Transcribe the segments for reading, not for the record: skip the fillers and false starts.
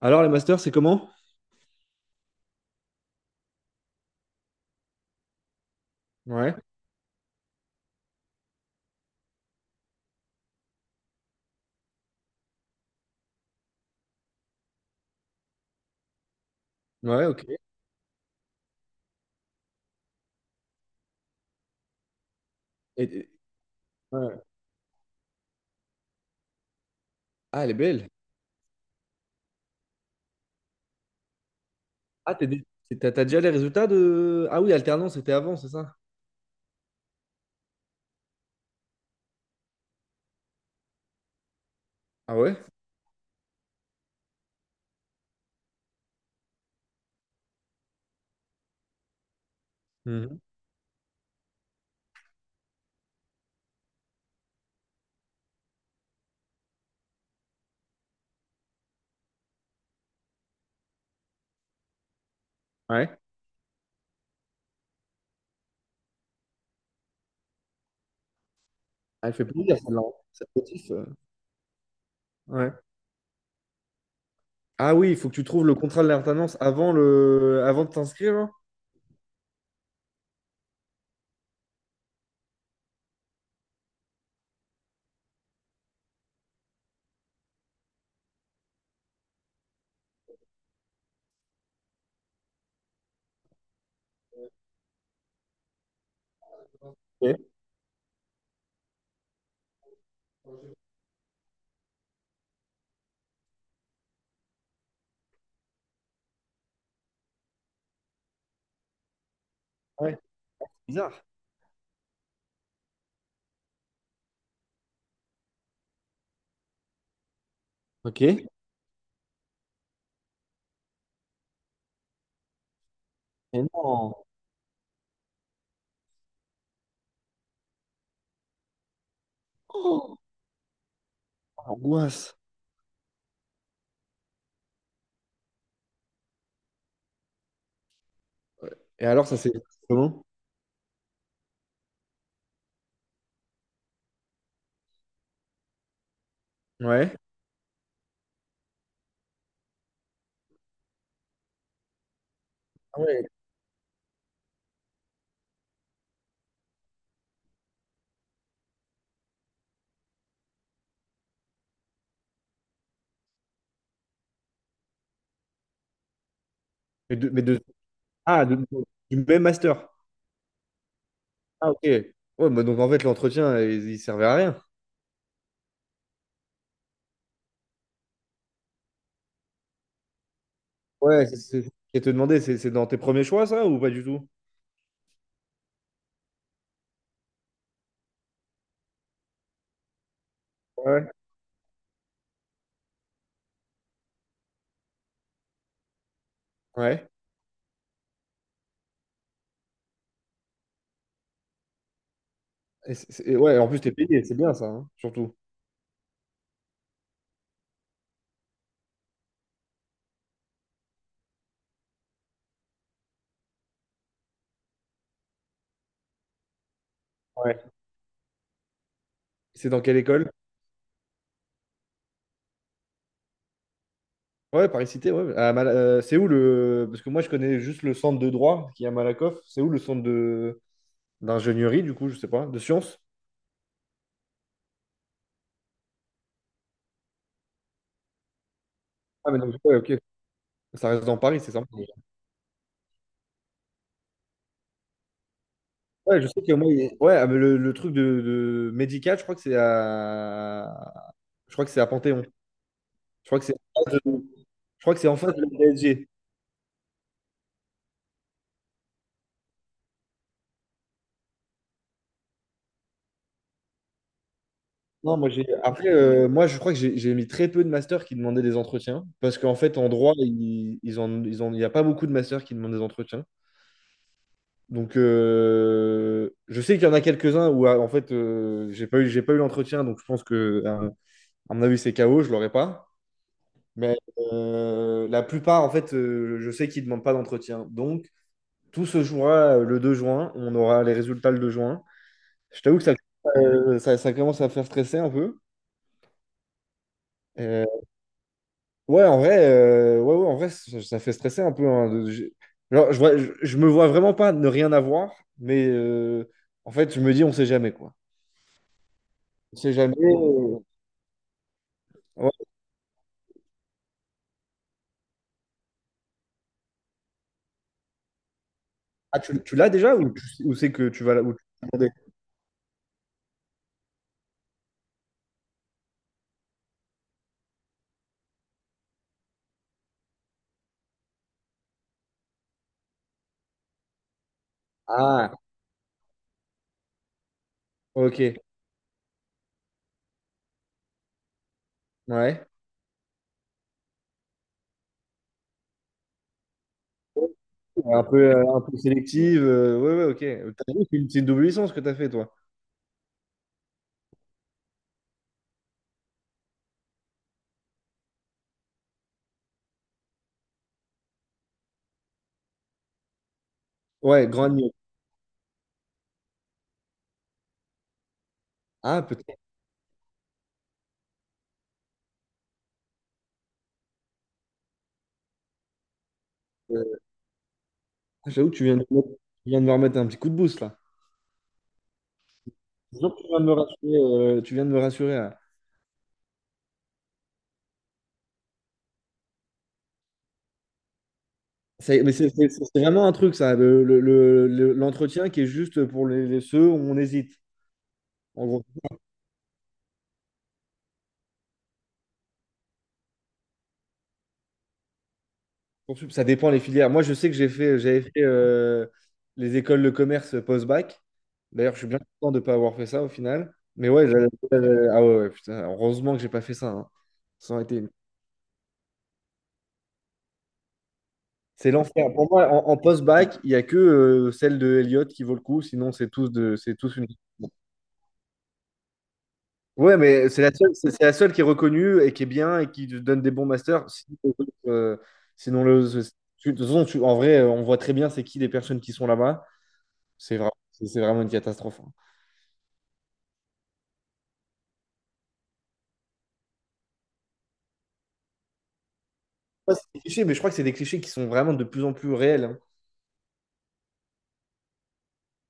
Alors, les masters, c'est comment? Ouais, ouais, ok. Et- et- ouais. Ah, elle est belle. Ah, t'es dé- t'as déjà les résultats de... Ah oui, alternance, c'était avant, c'est ça? Ah ouais? Mhm. Ouais. Ah, elle fait plaisir, celle-là, hein. Ça motive. Ouais. Ah oui, il faut que tu trouves le contrat de l'alternance avant le avant de t'inscrire, hein. Ok. Ouais, c'est bizarre. Ok. Et non. Oh, angoisse. Et alors, ça c'est... Comment? Ouais. Ah ouais. Mais de, mais de... Ah, de- du même master. Ah, ok. Ouais, bah donc en fait, l'entretien il servait à rien. Ouais, je te demander, c'est dans tes premiers choix, ça, ou pas du tout? Ouais. Ouais. Ouais, en plus, t'es payé, c'est bien ça, hein, surtout. Ouais. C'est dans quelle école? Ouais, Paris-Cité, ouais. C'est où le. Parce que moi, je connais juste le centre de droit qui est à Malakoff. C'est où le centre de... d'ingénierie, du coup, je sais pas, de sciences? Ah, mais donc, ouais, ok. Ça reste dans Paris, c'est ça. Ouais, je sais que ouais, ah, mais le truc de médical, je crois que c'est à. Je crois que c'est à Panthéon. Je crois que c'est. Je crois que c'est en face de la PSG. Non, moi j'ai. Après, moi je crois que j'ai mis très peu de masters qui demandaient des entretiens. Parce qu'en fait, en droit, il n'y a pas beaucoup de masters qui demandent des entretiens. Donc je sais qu'il y en a quelques-uns où ah, en fait j'ai pas eu l'entretien, donc je pense que à mon avis c'est KO, je l'aurais pas. Mais la plupart, en fait, je sais qu'ils demandent pas d'entretien. Donc tout se jouera le 2 juin. On aura les résultats le 2 juin. Je t'avoue que ça commence à faire stresser un peu. Euh, Ouais, en vrai, ouais, en vrai, ça fait stresser un peu, hein. Je me vois vraiment pas ne rien avoir, mais en fait, je me dis, on sait jamais, quoi. On sait jamais, Ouais. Ah, tu l'as déjà ou c'est que tu vas là où tu vas demander? Ah, ok. Ouais. Un peu sélective, ouais, ouais, ok. T'as vu, c'est une double licence que t'as fait, toi. Ouais, grand niveau. Ah, peut-être. euh, j'avoue que tu viens de me remettre un petit coup de boost, là. Disons que tu viens de me rassurer, tu viens de me rassurer. C'est mais c'est- C'est vraiment un truc, ça, l'entretien qui est juste pour ceux où on hésite. En gros, ça dépend les filières. Moi, je sais que j'avais fait les écoles de commerce post-bac. D'ailleurs, je suis bien content de ne pas avoir fait ça au final. Mais ouais, ah ouais, ouais, putain, heureusement que j'ai pas fait ça, hein. Ça aurait été une. C'est l'enfer. Pour moi, en, en post-bac, il n'y a que celle de Elliott qui vaut le coup. Sinon, c'est tous une. Ouais, mais c'est la seule, c'est la seule qui est reconnue et qui est bien et qui te donne des bons masters. Si- euh, sinon, le, ce- tu- De toute façon, en vrai, on voit très bien c'est qui les personnes qui sont là-bas. C'est vraiment une catastrophe, hein. Ouais, c'est des clichés, mais je crois que c'est des clichés qui sont vraiment de plus en plus réels, hein.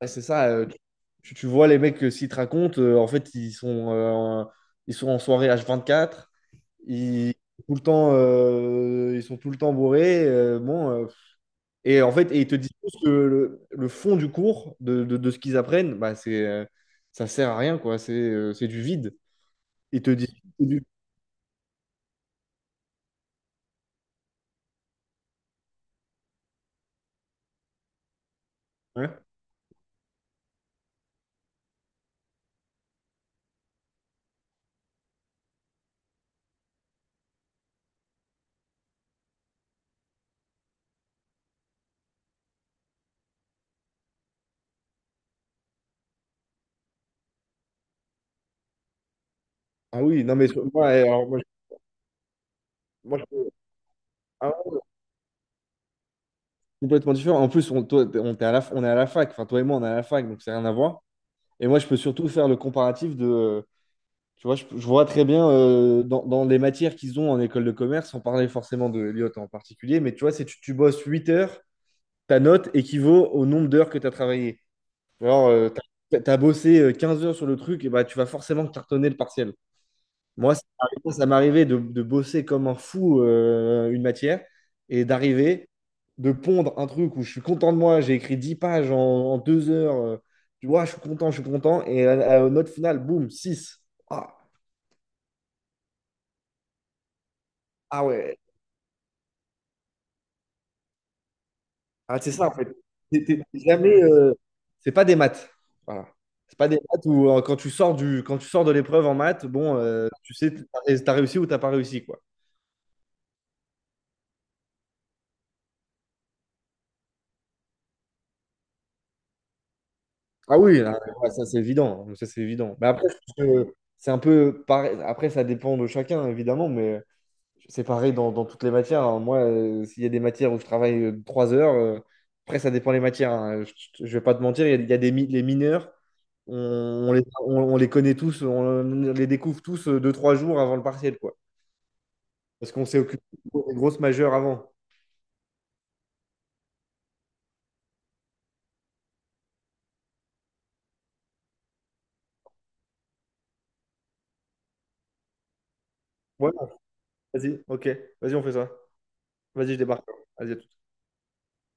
Ouais, c'est ça. Tu vois les mecs que s'ils te racontent, en fait, ils sont en soirée H24. Ils, Tout le temps, ils sont tout le temps bourrés. Et en fait, et ils te disent tous que le fond du cours, de ce qu'ils apprennent, bah, ça sert à rien, quoi. C'est du vide. Ils te disent c'est du. Ouais. Ah oui, non, mais moi, je- moi, je- ah ouais, complètement différent. En plus, on, toi, t'es- on, t'es à la, on est à la fac. Enfin, toi et moi, on est à la fac, donc c'est rien à voir. Et moi, je peux surtout faire le comparatif de, Tu vois, je vois très bien dans, dans les matières qu'ils ont en école de commerce, sans parler forcément de Elliott en particulier, mais tu vois, si tu bosses 8 heures, ta note équivaut au nombre d'heures que tu as travaillé. Alors, t'as bossé 15 heures sur le truc, et bah, tu vas forcément cartonner le partiel. Moi, ça m'arrivait de bosser comme un fou une matière et d'arriver, de pondre un truc où je suis content de moi, j'ai écrit 10 pages en 2 heures. Tu vois, je suis content, je suis content. Et note finale, boum, six. Ah, ouais, c'est ça en fait. T'es jamais, c'est pas des maths. Voilà. C'est pas des maths où quand tu sors de l'épreuve en maths, bon, tu sais, t'as réussi ou t'as pas réussi, quoi. Ah oui, ah, ouais, ça c'est évident, hein, ça c'est évident. Mais après, je pense que c'est un peu pareil. Après, ça dépend de chacun, évidemment, mais c'est pareil dans toutes les matières, hein. Moi, s'il y a des matières où je travaille 3 heures, après, ça dépend les matières, hein. Je ne vais pas te mentir, il y a les mineurs, on les connaît tous, on les découvre tous deux, trois jours avant le partiel, quoi. Parce qu'on s'est occupé des grosses majeures avant. Ouais, vas-y, ok, vas-y, on fait ça. Vas-y, je débarque. Vas-y, à tout